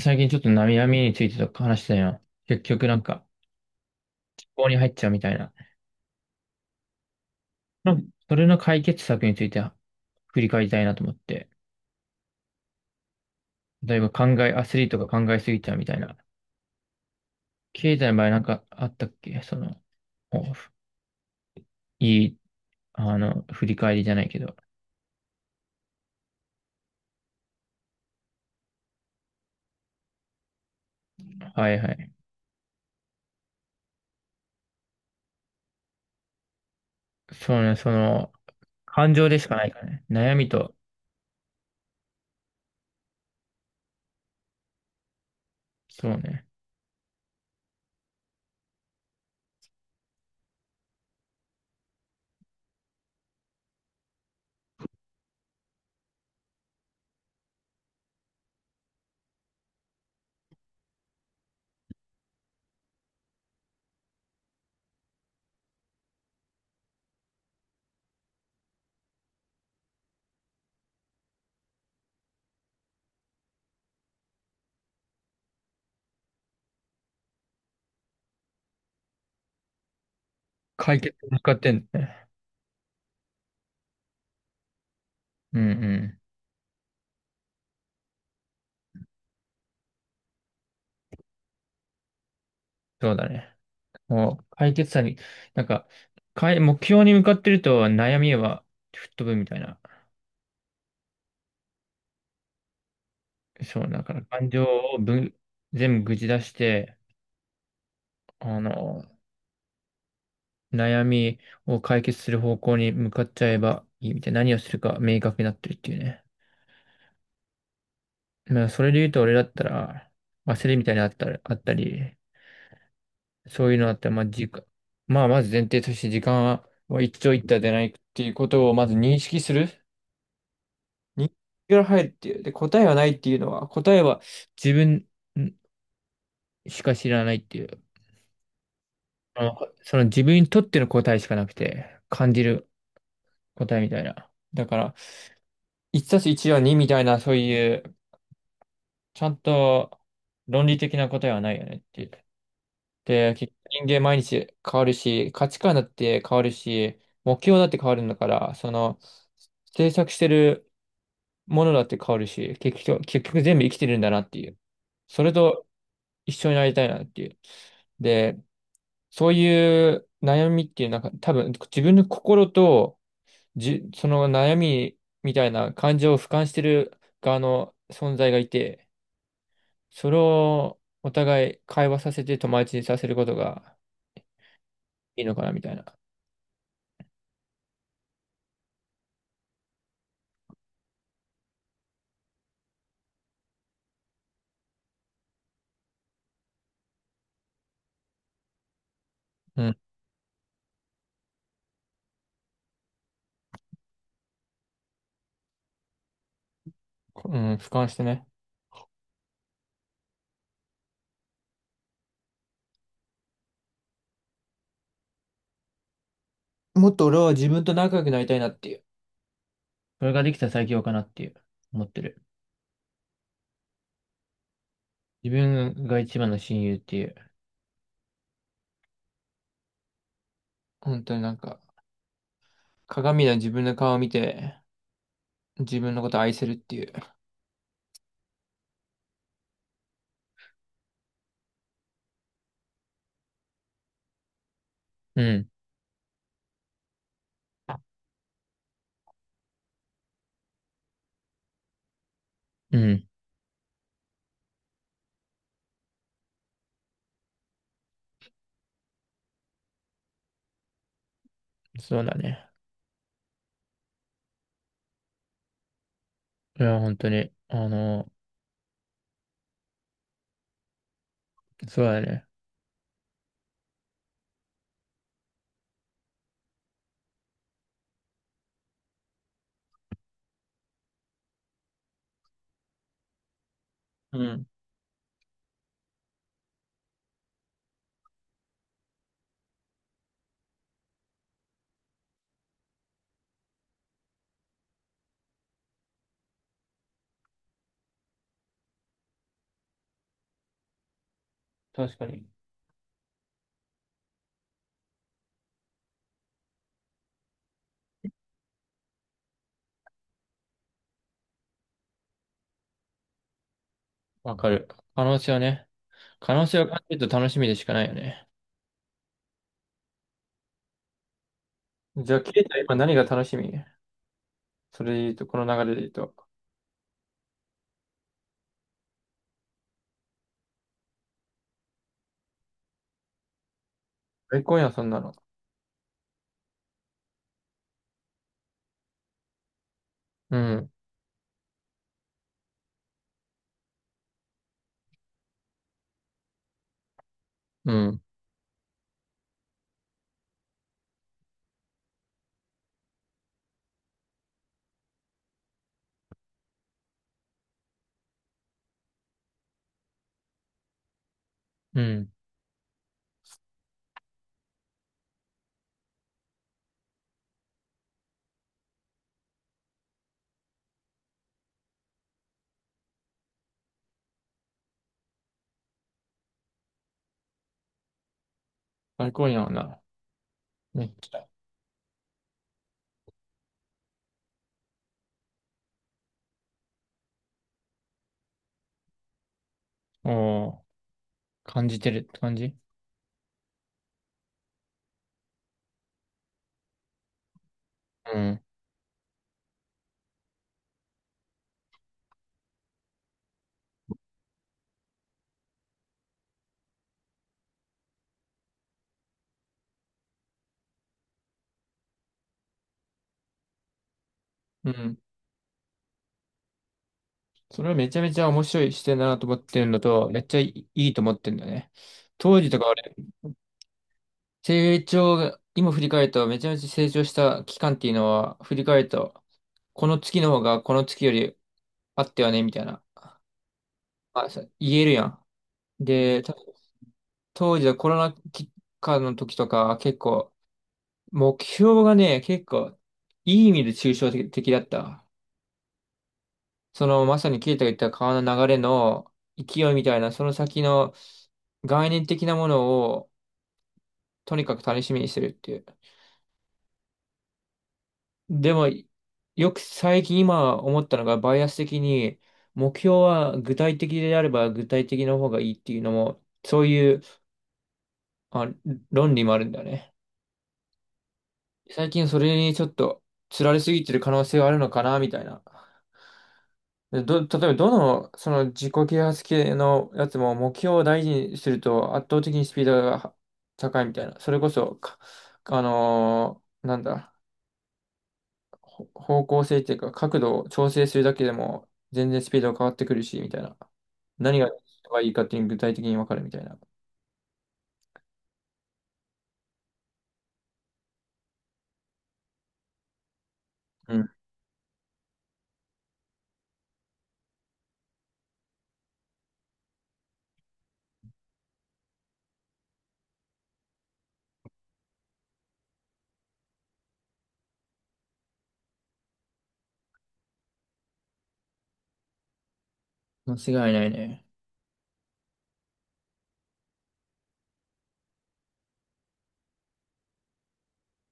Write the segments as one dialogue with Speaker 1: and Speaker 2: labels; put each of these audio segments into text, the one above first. Speaker 1: 最近ちょっと悩みについてとか話してたよ。結局思考に入っちゃうみたいな。うんそれの解決策について振り返りたいなと思って。例えばアスリートが考えすぎちゃうみたいな。経済の場合なんかあったっけその、おいい、あの、振り返りじゃないけど。はいはい。そうね、その、感情でしかないからね。悩みと、そうね。解決に向かってんだね。うんうん。そうだね。もう解決策に、なんか、かい、目標に向かってると悩みは吹っ飛ぶみたいな。そう、だから感情をぶ、全部ぐじ出して、あの、悩みを解決する方向に向かっちゃえばいいみたいな。何をするか明確になってるっていうね。それで言うと俺だったら、焦りみたいなのあったり、そういうのあったら、まあ、まず前提として時間は一長一短でないっていうことをまず認識する。日ら入るっていう。で、答えはないっていうのは、答えは自分しか知らないっていう。あのその自分にとっての答えしかなくて、感じる答えみたいな。だから、1たす1は2みたいな、そういう、ちゃんと論理的な答えはないよねっていう。で、結局人間毎日変わるし、価値観だって変わるし、目標だって変わるんだから、その、制作してるものだって変わるし、結局全部生きてるんだなっていう。それと、一緒になりたいなっていう。で、そういう悩みっていう、なんか多分自分の心とその悩みみたいな感情を俯瞰してる側の存在がいて、それをお互い会話させて友達にさせることがいいのかなみたいな。うん、うん、俯瞰してね。もっと俺は自分と仲良くなりたいなっていう。それができたら最強かなっていう、思ってる。自分が一番の親友っていう。本当になんか、鏡の自分の顔を見て、自分のことを愛せるっていう。うん、うん、そうだね。いや、本当に、そうだね。うん、確かに。わかる。可能性はね、可能性を感じると楽しみでしかないよね。じゃあ、ケイタ今何が楽しみそれで言うと、この流れで言うと。最高やん、そんなの。うん、うん、うん。最高やんな。めっちゃ。おー、感じてるって感じうん。うん。それはめちゃめちゃ面白い視点だなと思ってるのと、めっちゃいいと思ってるんだよね。当時とか成長が、今振り返ると、めちゃめちゃ成長した期間っていうのは、振り返ると、この月の方がこの月よりあってはね、みたいな。あ、そう言えるやん。で、当時はコロナ期間の時とか、目標がね、結構、いい意味で抽象的だった。その、まさにケイタが言った川の流れの勢いみたいな、その先の概念的なものを、とにかく楽しみにするっていう。でも、よく最近今思ったのが、バイアス的に、目標は具体的であれば具体的の方がいいっていうのも、そういう、あ、論理もあるんだよね。最近それにちょっと、つられすぎてる可能性があるのかな、みたいな。例えばその自己啓発系のやつも目標を大事にすると圧倒的にスピードが高いみたいな。それこそ、かあのーなんだ。方向性っていうか、角度を調整するだけでも、全然スピードが変わってくるし、みたいな。何がいいかっていうのが具体的にわかるみたいな。うん。間違いないね。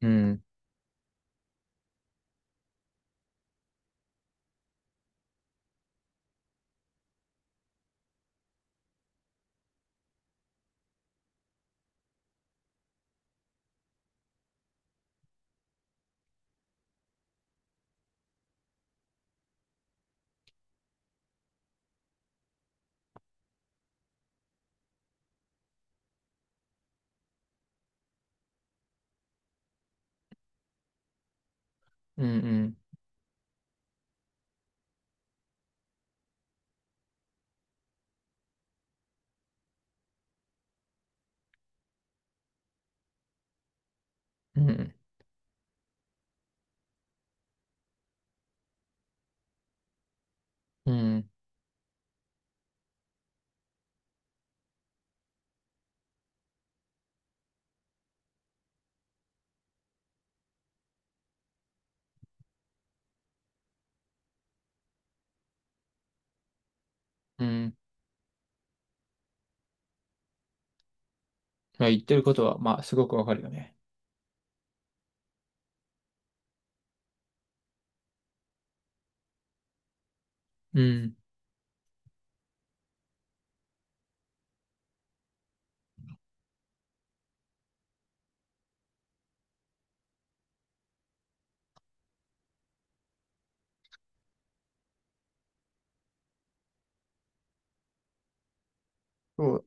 Speaker 1: うん、うん、うん、うん、うん、うん。まあ、言ってることは、まあ、すごくわかるよね。うん。そう。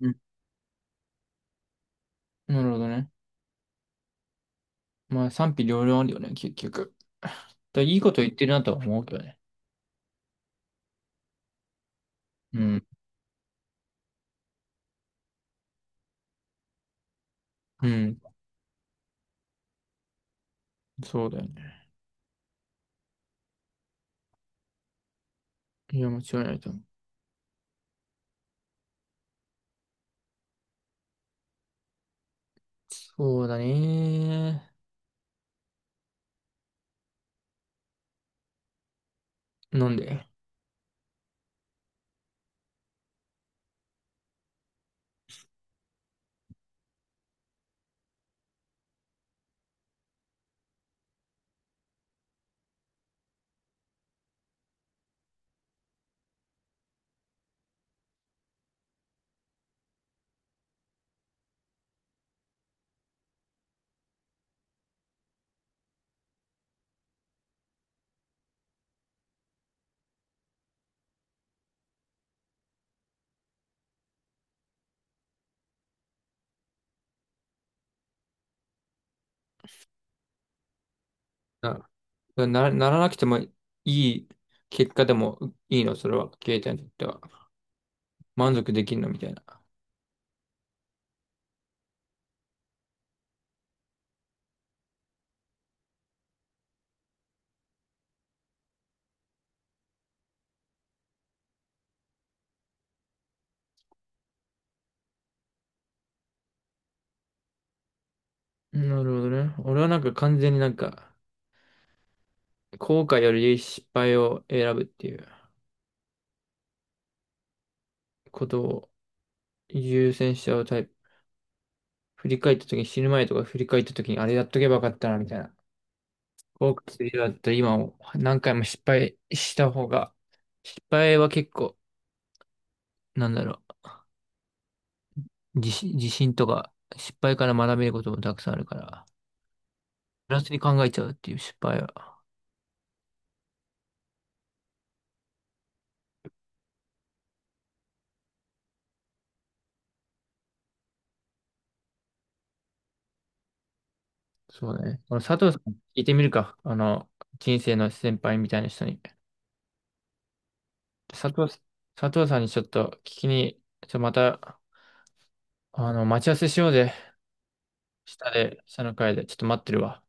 Speaker 1: うんなるほどね。まあ、賛否両論あるよね、結局。だからいいこと言ってるなとは思うけどね。うん。うん。そうだよね。いや、間違いないと思う。そうだね。なんであな、ならなくてもいい結果でもいいの、それは。携帯にとっては。満足できるのみたいな。なるほどね。俺はなんか完全に、後悔より失敗を選ぶっていうことを優先しちゃうタイプ。振り返った時に死ぬ前とか振り返った時にあれやっとけばよかったなみたいな。後悔するようだったら今を何回も失敗した方が、失敗は結構、なんだろう、自信とか失敗から学べることもたくさんあるから、プラスに考えちゃうっていう失敗は。そうだね。この佐藤さん、聞いてみるか。あの、人生の先輩みたいな人に。佐藤さん、佐藤さんにちょっと聞きに、ちょっとまた、あの、待ち合わせしようぜ。下で、下の階で。ちょっと待ってるわ。